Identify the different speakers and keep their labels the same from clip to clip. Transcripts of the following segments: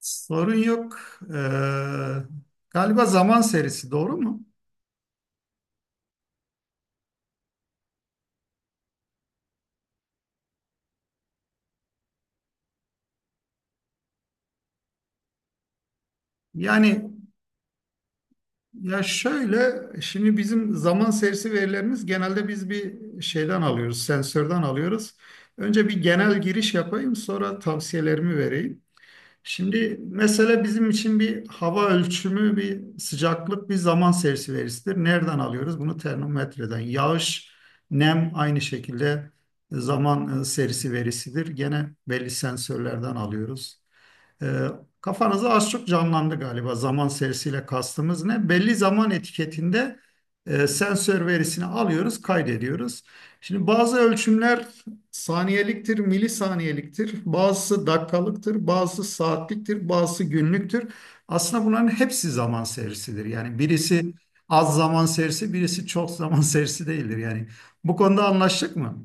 Speaker 1: Sorun yok. Ee, Galiba zaman serisi doğru mu? Yani ya şöyle şimdi bizim zaman serisi verilerimiz genelde biz bir şeyden alıyoruz, sensörden alıyoruz. Önce bir genel giriş yapayım, sonra tavsiyelerimi vereyim. Şimdi mesela bizim için bir hava ölçümü, bir sıcaklık, bir zaman serisi verisidir. Nereden alıyoruz? Bunu termometreden. Yağış, nem aynı şekilde zaman serisi verisidir. Gene belli sensörlerden alıyoruz. Ee, Kafanızı az çok canlandı galiba zaman serisiyle kastımız ne? Belli zaman etiketinde sensör verisini alıyoruz, kaydediyoruz. Şimdi bazı ölçümler saniyeliktir, milisaniyeliktir, bazısı dakikalıktır, bazısı saatliktir, bazısı günlüktür. Aslında bunların hepsi zaman serisidir. Yani birisi az zaman serisi, birisi çok zaman serisi değildir. Yani bu konuda anlaştık mı?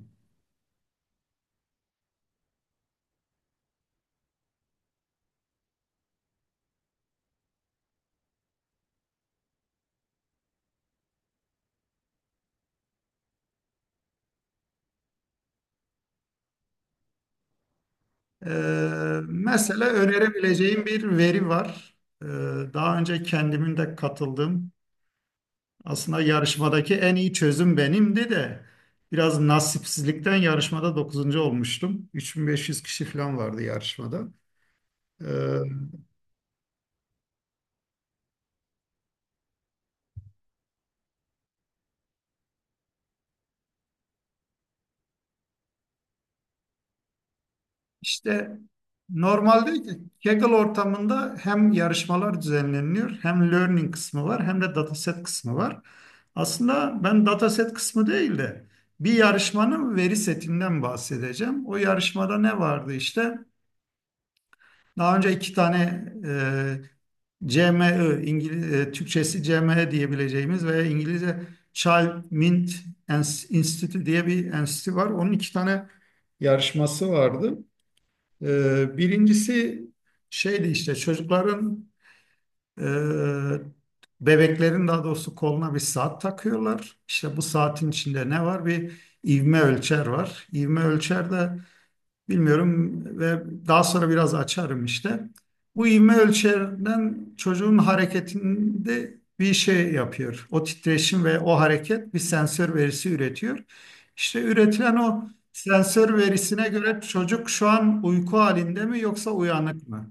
Speaker 1: Mesela önerebileceğim bir veri var. Ee, Daha önce kendimin de katıldığım, aslında yarışmadaki en iyi çözüm benimdi de biraz nasipsizlikten yarışmada dokuzuncu olmuştum. 3.500 kişi falan vardı yarışmada. Ee, İşte normalde Kaggle ortamında hem yarışmalar düzenleniyor, hem learning kısmı var, hem de dataset kısmı var. Aslında ben dataset kısmı değil de bir yarışmanın veri setinden bahsedeceğim. O yarışmada ne vardı işte? Daha önce iki tane e, CME, İngiliz, Türkçesi CME diyebileceğimiz veya İngilizce Child Mint Institute diye bir enstitü var. Onun iki tane yarışması vardı. Birincisi şeydi işte çocukların e, bebeklerin daha doğrusu koluna bir saat takıyorlar. İşte bu saatin içinde ne var? Bir ivme ölçer var. İvme ölçer de bilmiyorum ve daha sonra biraz açarım işte. Bu ivme ölçerden çocuğun hareketinde bir şey yapıyor. O titreşim ve o hareket bir sensör verisi üretiyor. İşte üretilen o sensör verisine göre çocuk şu an uyku halinde mi yoksa uyanık mı?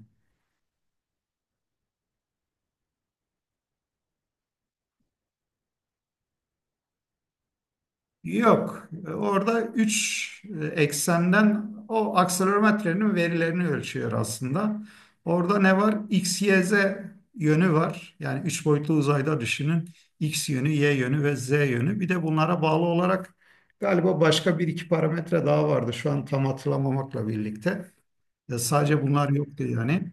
Speaker 1: Yok. Orada 3 eksenden o akselerometrenin verilerini ölçüyor aslında. Orada ne var? X, Y, Z yönü var. Yani 3 boyutlu uzayda düşünün. X yönü, Y yönü ve Z yönü. Bir de bunlara bağlı olarak galiba başka bir iki parametre daha vardı. Şu an tam hatırlamamakla birlikte. Ya sadece bunlar yoktu yani.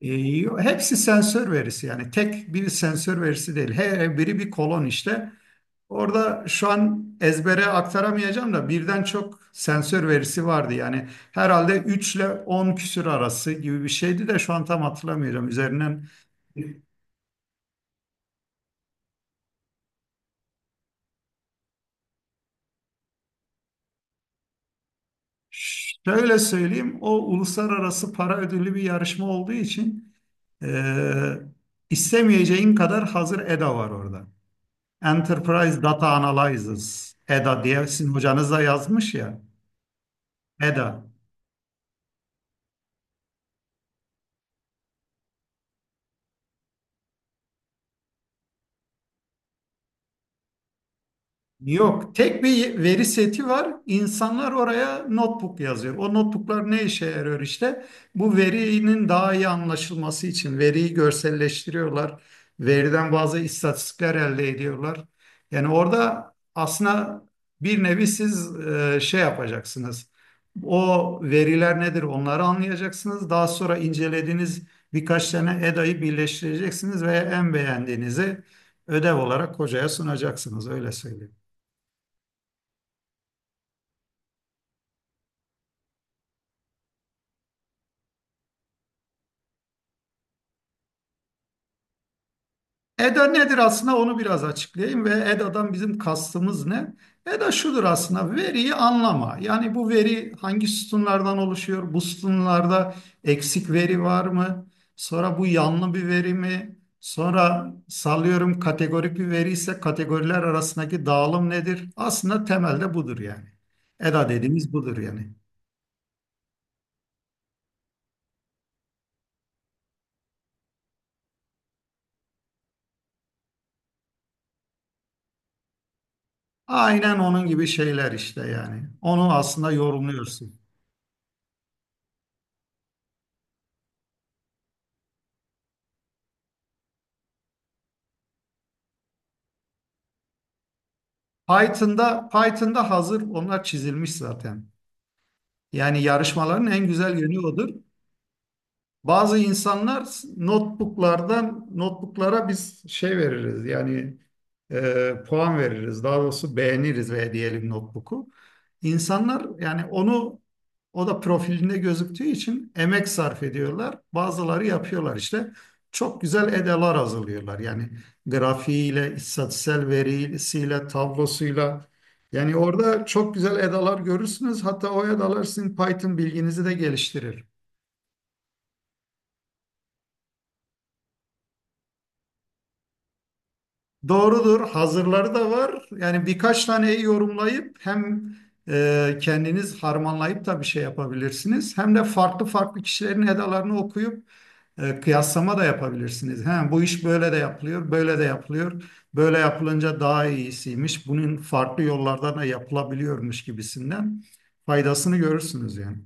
Speaker 1: E, Hepsi sensör verisi yani tek bir sensör verisi değil. Her biri bir kolon işte. Orada şu an ezbere aktaramayacağım da birden çok sensör verisi vardı. Yani herhalde 3 ile 10 küsür arası gibi bir şeydi de şu an tam hatırlamıyorum. Üzerinden şöyle söyleyeyim, o uluslararası para ödüllü bir yarışma olduğu için e, istemeyeceğin kadar hazır EDA var orada. Enterprise Data Analysis, EDA diye sizin hocanız da yazmış ya. EDA. Yok, tek bir veri seti var. İnsanlar oraya notebook yazıyor. O notebooklar ne işe yarıyor işte? Bu verinin daha iyi anlaşılması için veriyi görselleştiriyorlar. Veriden bazı istatistikler elde ediyorlar. Yani orada aslında bir nevi siz şey yapacaksınız. O veriler nedir onları anlayacaksınız. Daha sonra incelediğiniz birkaç tane EDA'yı birleştireceksiniz ve en beğendiğinizi ödev olarak hocaya sunacaksınız. Öyle söyleyeyim. EDA nedir aslında onu biraz açıklayayım ve EDA'dan bizim kastımız ne? EDA şudur aslında, veriyi anlama. Yani bu veri hangi sütunlardan oluşuyor? Bu sütunlarda eksik veri var mı? Sonra bu yanlı bir veri mi? Sonra sallıyorum, kategorik bir veri ise kategoriler arasındaki dağılım nedir? Aslında temelde budur yani. EDA dediğimiz budur yani. Aynen onun gibi şeyler işte yani. Onu aslında yorumluyorsun. Python'da hazır onlar çizilmiş zaten. Yani yarışmaların en güzel yönü odur. Bazı insanlar notebooklardan notebooklara biz şey veririz yani, puan veririz daha doğrusu, beğeniriz ve diyelim notebook'u. İnsanlar yani onu, o da profilinde gözüktüğü için emek sarf ediyorlar. Bazıları yapıyorlar işte. Çok güzel edalar hazırlıyorlar. Yani grafiğiyle, istatistiksel verisiyle, tablosuyla. Yani orada çok güzel edalar görürsünüz. Hatta o edalar sizin Python bilginizi de geliştirir. Doğrudur. Hazırları da var. Yani birkaç taneyi yorumlayıp hem kendiniz harmanlayıp da bir şey yapabilirsiniz. Hem de farklı farklı kişilerin edalarını okuyup kıyaslama da yapabilirsiniz. He, bu iş böyle de yapılıyor, böyle de yapılıyor. Böyle yapılınca daha iyisiymiş. Bunun farklı yollardan da yapılabiliyormuş gibisinden faydasını görürsünüz yani.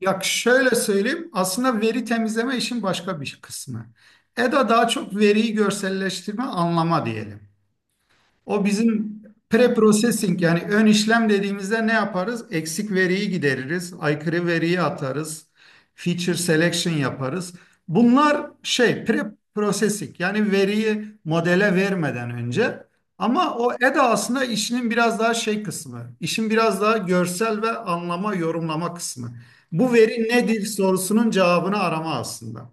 Speaker 1: Ya şöyle söyleyeyim. Aslında veri temizleme işin başka bir kısmı. EDA daha çok veriyi görselleştirme, anlama diyelim. O bizim pre-processing yani ön işlem dediğimizde ne yaparız? Eksik veriyi gideririz, aykırı veriyi atarız, feature selection yaparız. Bunlar şey, pre-processing yani veriyi modele vermeden önce. Ama o EDA aslında işinin biraz daha şey kısmı, işin biraz daha görsel ve anlama, yorumlama kısmı. Bu veri nedir sorusunun cevabını arama aslında.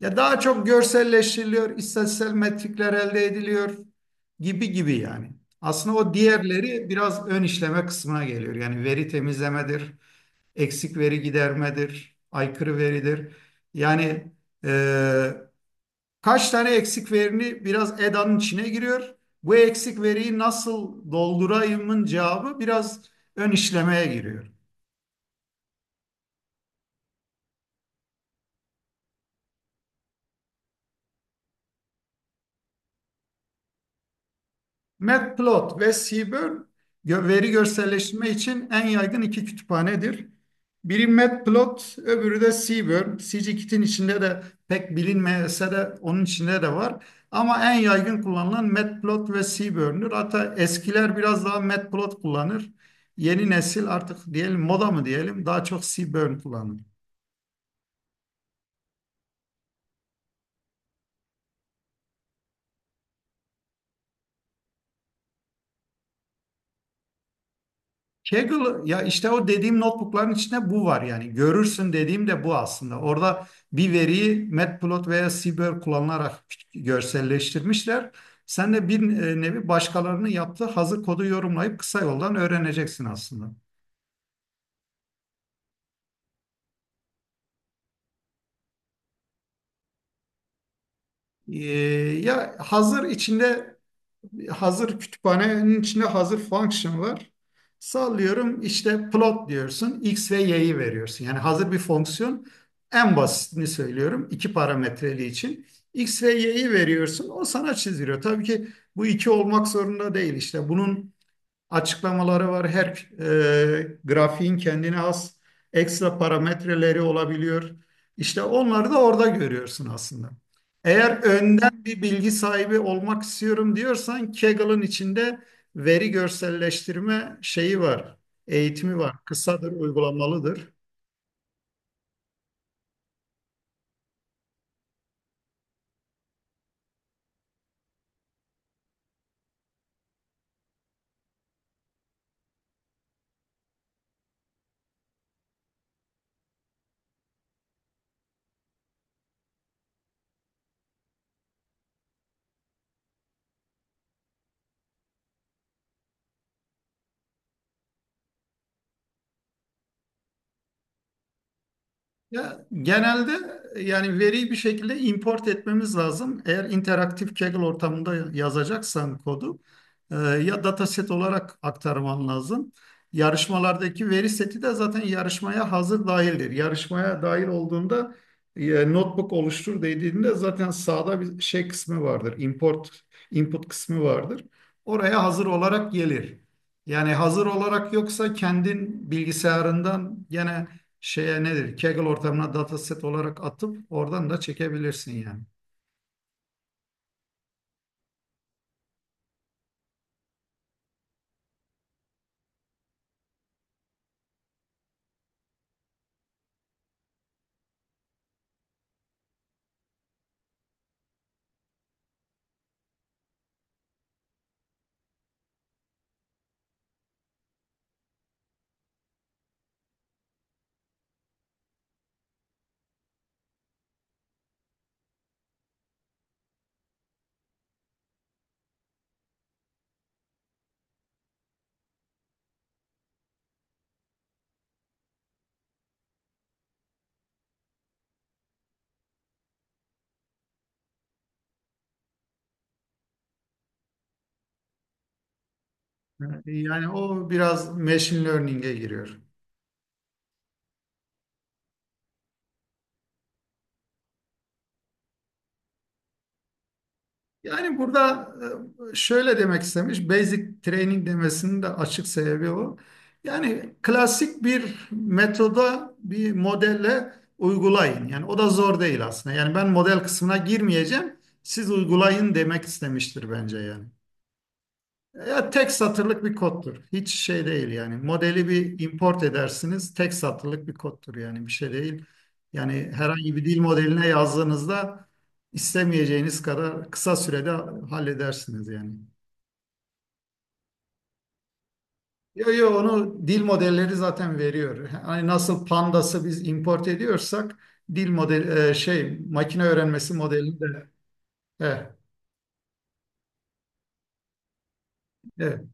Speaker 1: Ya daha çok görselleştiriliyor, istatistiksel metrikler elde ediliyor gibi gibi yani. Aslında o diğerleri biraz ön işleme kısmına geliyor. Yani veri temizlemedir, eksik veri gidermedir, aykırı veridir. Yani e, kaç tane eksik verini biraz EDA'nın içine giriyor. Bu eksik veriyi nasıl doldurayımın cevabı biraz ön işlemeye giriyor. Matplot ve Seaborn veri görselleştirme için en yaygın iki kütüphanedir. Biri Matplot, öbürü de Seaborn. Scikit'in içinde de pek bilinmese de onun içinde de var. Ama en yaygın kullanılan Matplot ve Seaborn'dur. Hatta eskiler biraz daha Matplot kullanır. Yeni nesil artık, diyelim moda mı diyelim, daha çok Seaborn kullanır. Kaggle ya, işte o dediğim notebookların içinde bu var yani, görürsün dediğim de bu aslında. Orada bir veriyi Matplotlib veya seabird kullanılarak görselleştirmişler. Sen de bir nevi başkalarının yaptığı hazır kodu yorumlayıp kısa yoldan öğreneceksin aslında. Ee, Ya hazır içinde, hazır kütüphanenin içinde hazır function var. Sallıyorum, işte plot diyorsun. X ve Y'yi veriyorsun. Yani hazır bir fonksiyon. En basitini söylüyorum, iki parametreli için. X ve Y'yi veriyorsun. O sana çiziyor. Tabii ki bu iki olmak zorunda değil. İşte bunun açıklamaları var. Her grafiğin kendine has ekstra parametreleri olabiliyor. İşte onları da orada görüyorsun aslında. Eğer önden bir bilgi sahibi olmak istiyorum diyorsan, Kaggle'ın içinde veri görselleştirme şeyi var, eğitimi var. Kısadır, uygulamalıdır. Ya genelde yani veriyi bir şekilde import etmemiz lazım. Eğer interaktif Kaggle ortamında yazacaksan kodu, ya dataset olarak aktarman lazım. Yarışmalardaki veri seti de zaten yarışmaya hazır dahildir. Yarışmaya dahil olduğunda, notebook oluştur dediğinde zaten sağda bir şey kısmı vardır. Import, input kısmı vardır. Oraya hazır olarak gelir. Yani hazır olarak yoksa kendin bilgisayarından gene şeye nedir? Kaggle ortamına dataset olarak atıp oradan da çekebilirsin yani. Yani o biraz machine learning'e giriyor. Yani burada şöyle demek istemiş, basic training demesinin de açık sebebi o. Yani klasik bir metoda, bir modelle uygulayın. Yani o da zor değil aslında. Yani ben model kısmına girmeyeceğim, siz uygulayın demek istemiştir bence yani. Ya tek satırlık bir koddur. Hiç şey değil yani. Modeli bir import edersiniz. Tek satırlık bir koddur yani, bir şey değil. Yani herhangi bir dil modeline yazdığınızda istemeyeceğiniz kadar kısa sürede halledersiniz yani. Yo yo, onu dil modelleri zaten veriyor. Hani nasıl Pandas'ı biz import ediyorsak, dil model şey, makine öğrenmesi modelini de eh, evet.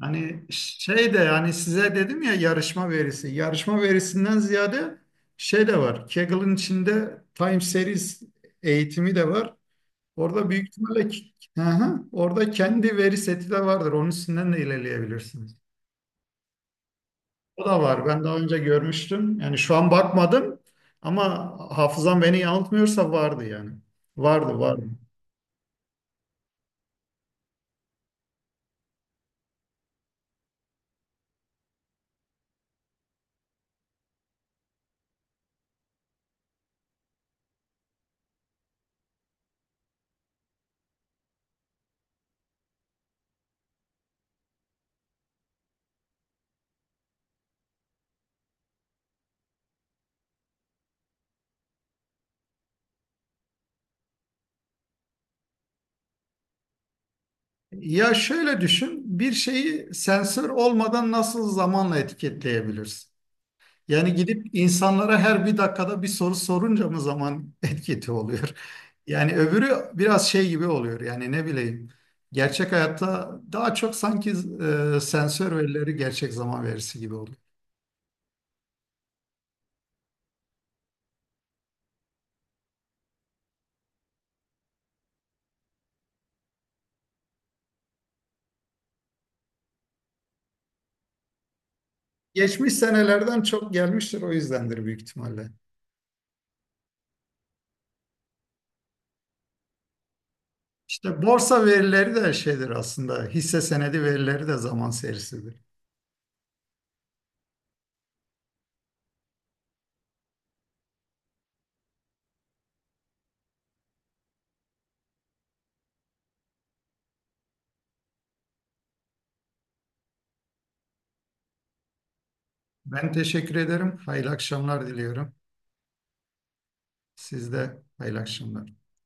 Speaker 1: Hani şey de, yani size dedim ya yarışma verisi. Yarışma verisinden ziyade şey de var. Kaggle'ın içinde Time Series eğitimi de var. Orada büyük ihtimalle hı hı, orada kendi veri seti de vardır. Onun üstünden de ilerleyebilirsiniz. O da var. Ben daha önce görmüştüm. Yani şu an bakmadım, ama hafızam beni yanıltmıyorsa vardı yani. Vardı, vardı. Ya şöyle düşün, bir şeyi sensör olmadan nasıl zamanla etiketleyebilirsin? Yani gidip insanlara her bir dakikada bir soru sorunca mı zaman etkisi oluyor? Yani öbürü biraz şey gibi oluyor. Yani ne bileyim. Gerçek hayatta daha çok sanki sensör verileri gerçek zaman verisi gibi oluyor. Geçmiş senelerden çok gelmiştir, o yüzdendir büyük ihtimalle. İşte borsa verileri de şeydir aslında. Hisse senedi verileri de zaman serisidir. Ben teşekkür ederim. Hayırlı akşamlar diliyorum. Siz de hayırlı akşamlar.